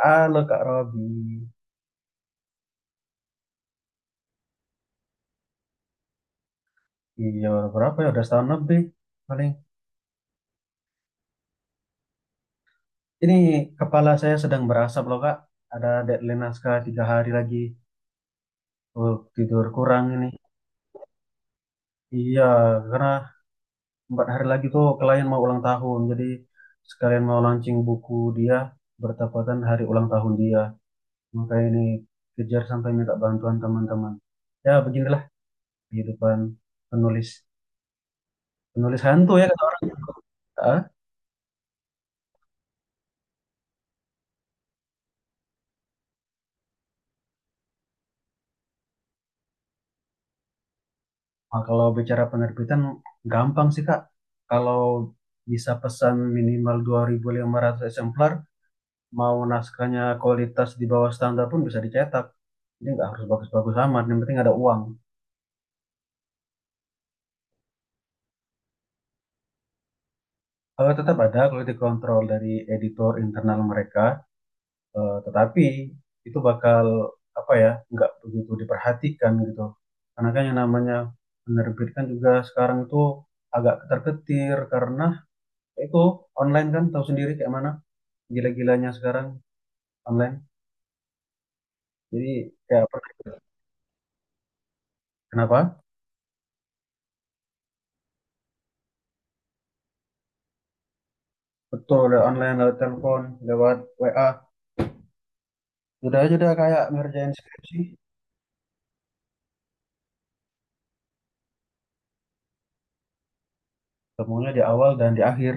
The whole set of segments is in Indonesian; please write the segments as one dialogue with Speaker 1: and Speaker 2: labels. Speaker 1: Halo Kak Robi, iya, berapa ya? Udah setahun lebih paling. Ini kepala saya sedang berasap loh Kak. Ada deadline naskah 3 hari lagi. Oh, tidur kurang ini. Iya, karena 4 hari lagi tuh klien mau ulang tahun. Jadi sekalian mau launching buku dia bertepatan hari ulang tahun dia. Maka ini kejar sampai minta bantuan teman-teman. Ya beginilah kehidupan penulis. Penulis hantu ya kata orang. Nah, kalau bicara penerbitan gampang sih Kak. Kalau bisa pesan minimal 2.500 eksemplar, mau naskahnya kualitas di bawah standar pun bisa dicetak. Jadi nggak harus bagus-bagus amat, yang penting ada uang. Kalau tetap ada quality control dari editor internal mereka, tetapi itu bakal apa ya, nggak begitu diperhatikan gitu. Karena kan yang namanya penerbitkan juga sekarang itu agak ketar-ketir karena itu online kan tahu sendiri kayak mana. Gila-gilanya sekarang online. Jadi ya pernah ikut. Kenapa? Betul lewat online, lewat telepon, lewat WA. Sudah aja udah kayak ngerjain skripsi, temunya di awal dan di akhir.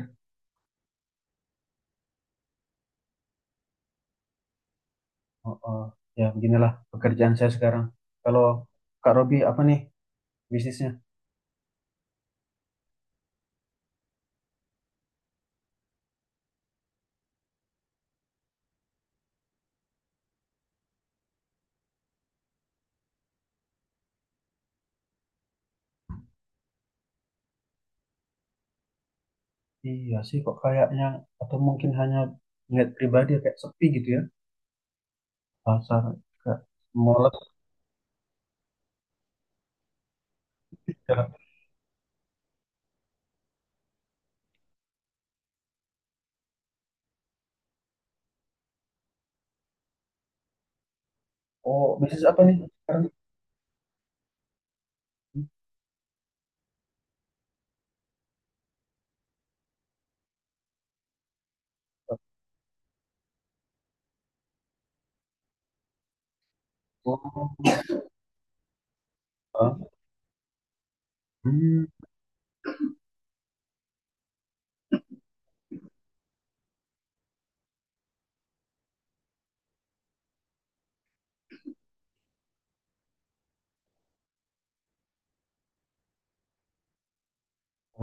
Speaker 1: Oh, oh. Ya beginilah pekerjaan saya sekarang. Kalau Kak Robi apa nih bisnisnya? Iya sih kok kayaknya, atau mungkin hanya ngeliat pribadi kayak sepi gitu ya, pasar kayak mall atau. Oh, bisnis apa nih sekarang? Oh, ah, hmm.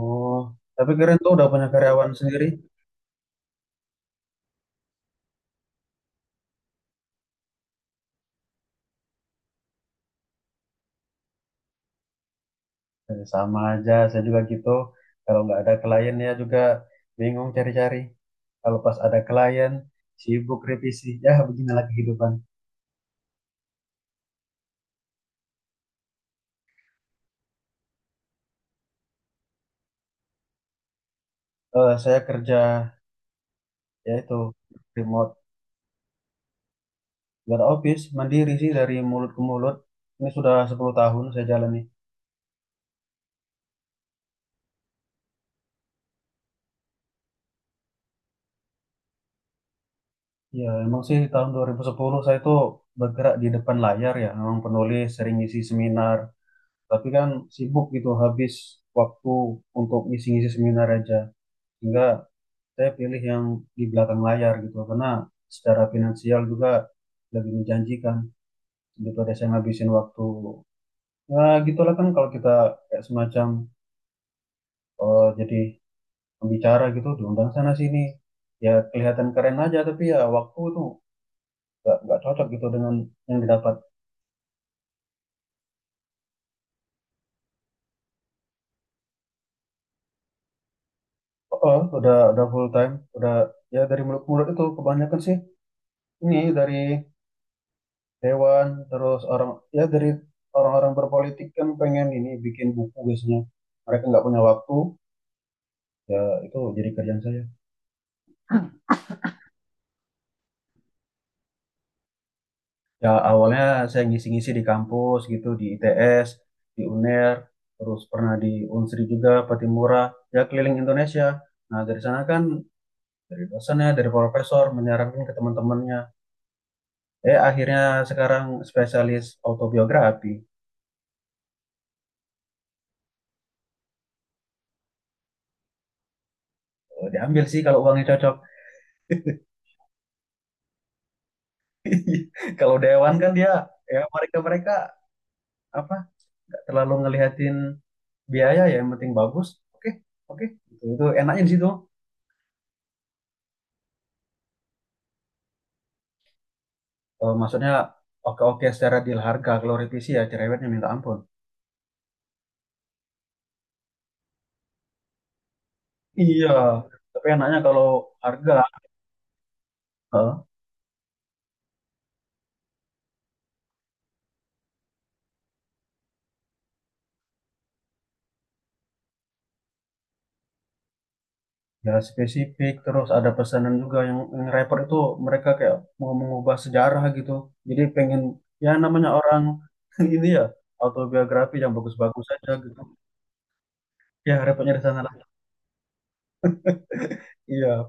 Speaker 1: Oh, tapi keren tuh udah punya karyawan sendiri. Sama aja, saya juga gitu. Kalau nggak ada klien ya juga bingung cari-cari. Kalau pas ada klien, sibuk revisi. Ya, beginilah kehidupan. Saya kerja, ya itu, remote. Nggak ada office, mandiri sih dari mulut ke mulut. Ini sudah 10 tahun saya jalani. Ya, emang sih tahun 2010 saya itu bergerak di depan layar ya. Memang penulis, sering ngisi seminar. Tapi kan sibuk gitu, habis waktu untuk ngisi-ngisi seminar aja. Sehingga saya pilih yang di belakang layar gitu, karena secara finansial juga lebih menjanjikan daripada saya ngabisin waktu. Ya gitulah kan, kalau kita kayak semacam jadi pembicara gitu diundang sana sini, ya kelihatan keren aja, tapi ya waktu tuh nggak cocok gitu dengan yang didapat. Oh, oh, udah full time udah, ya dari mulut mulut itu kebanyakan sih. Ini dari Dewan, terus orang, ya dari orang-orang berpolitik kan pengen ini bikin buku biasanya. Mereka nggak punya waktu, ya itu jadi kerjaan saya. Ya awalnya saya ngisi-ngisi di kampus gitu, di ITS, di UNER, terus pernah di Unsri juga, Patimura, ya keliling Indonesia. Nah, dari sana kan dari dosennya, dari profesor menyarankan ke teman-temannya. Akhirnya sekarang spesialis autobiografi. Diambil sih kalau uangnya cocok. Kalau dewan kan dia, ya mereka mereka apa, nggak terlalu ngelihatin biaya, ya yang penting bagus, oke oke gitu. Itu enaknya di situ. Maksudnya oke oke secara deal harga, kalau revisi ya cerewetnya minta ampun. Iya, tapi enaknya kalau harga eh, ya spesifik. Terus ada pesanan juga yang repot itu, mereka kayak mau mengubah sejarah gitu, jadi pengen, ya namanya orang ini, ya autobiografi yang bagus-bagus aja gitu. Ya repotnya di sana lah. Iya.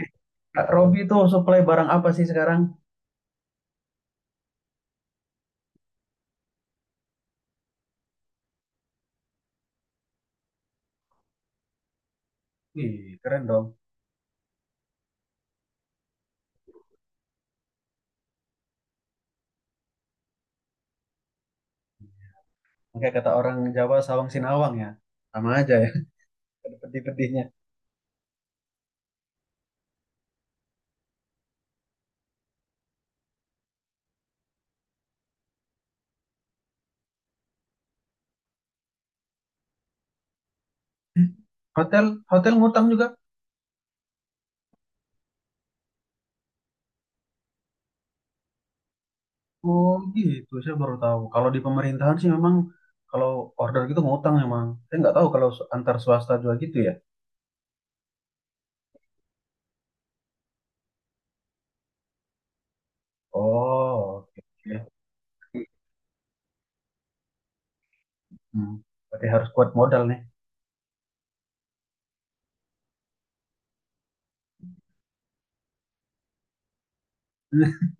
Speaker 1: Eh, Kak Robi tuh supply barang apa sih sekarang? Wih, keren dong. Kayak kata orang Jawa, sawang sinawang ya. Sama aja ya, ada pedih-pedihnya. Hotel, hotel ngutang juga? Oh gitu, saya baru tahu. Kalau di pemerintahan sih memang, kalau order gitu ngutang memang. Saya nggak tahu kalau antar swasta juga gitu ya. Oh, oke. Oke. Hmm, berarti harus kuat modal nih.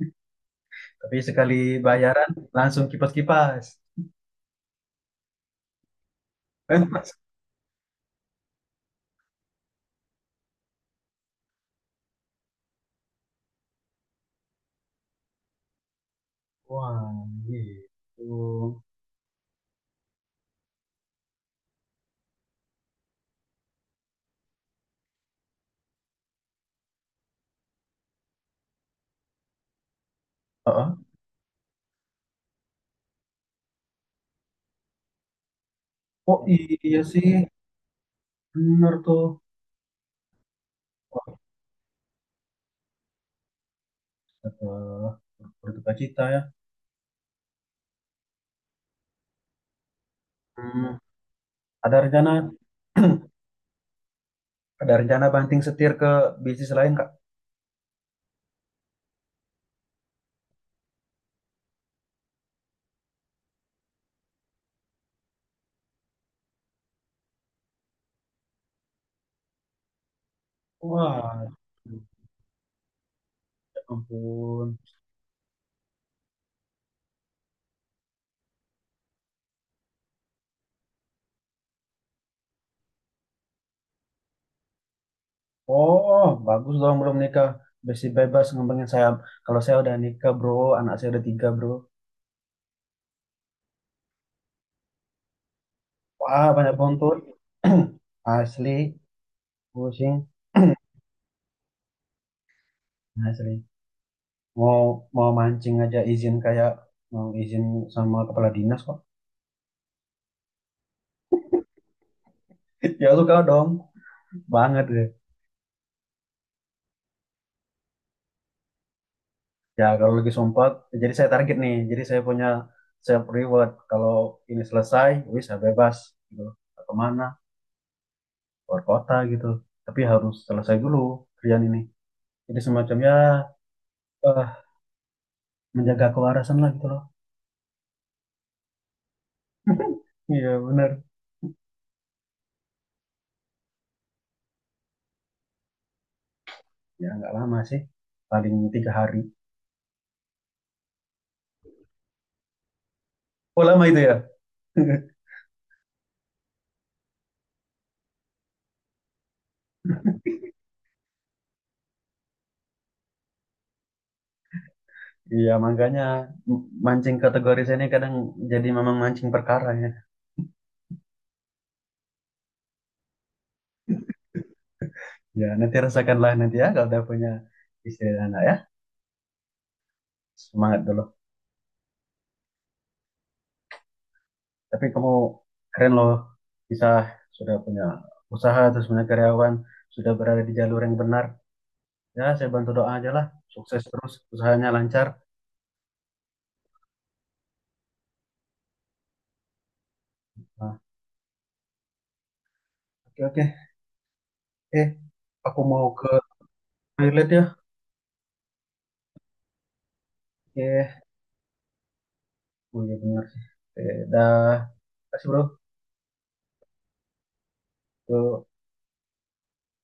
Speaker 1: Tapi sekali bayaran langsung kipas-kipas. Wah, gitu. Heeh. Oh iya sih, bener tuh. eh, Berduka cita ya. Hmm, ada rencana Ada rencana banting setir ke bisnis lain Kak? Wah, ya ampun. Oh, bagus dong belum nikah. Besi bebas ngembangin saya. Kalau saya udah nikah, bro. Anak saya udah tiga, bro. Wah, banyak bontot. Asli, pusing. Asli. Mau mau mancing aja izin, kayak mau izin sama kepala dinas kok. Ya suka dong. Banget ya. Ya, kalau lagi sempat, jadi saya target nih. Jadi saya punya self reward. Kalau ini selesai, wih saya bebas gitu. Nggak kemana? Keluar kota gitu. Tapi harus selesai dulu kerjaan ini. Jadi semacamnya eh, menjaga kewarasan lah gitu loh. Iya benar. Ya nggak lama sih. Paling 3 hari. Oh lama itu ya? Iya makanya mancing kategori saya ini kadang jadi memang mancing perkara ya. Ya nanti rasakanlah nanti ya, kalau udah punya istri dan anak ya. Semangat dulu. Tapi kamu keren loh, bisa sudah punya usaha, terus punya karyawan, sudah berada di jalur yang benar. Ya, saya bantu doa aja lah, sukses terus, usahanya lancar. Nah, oke oke. Eh, aku mau ke toilet ya. Eh, oh iya benar sih. Dah. Terima kasih bro. Yuk.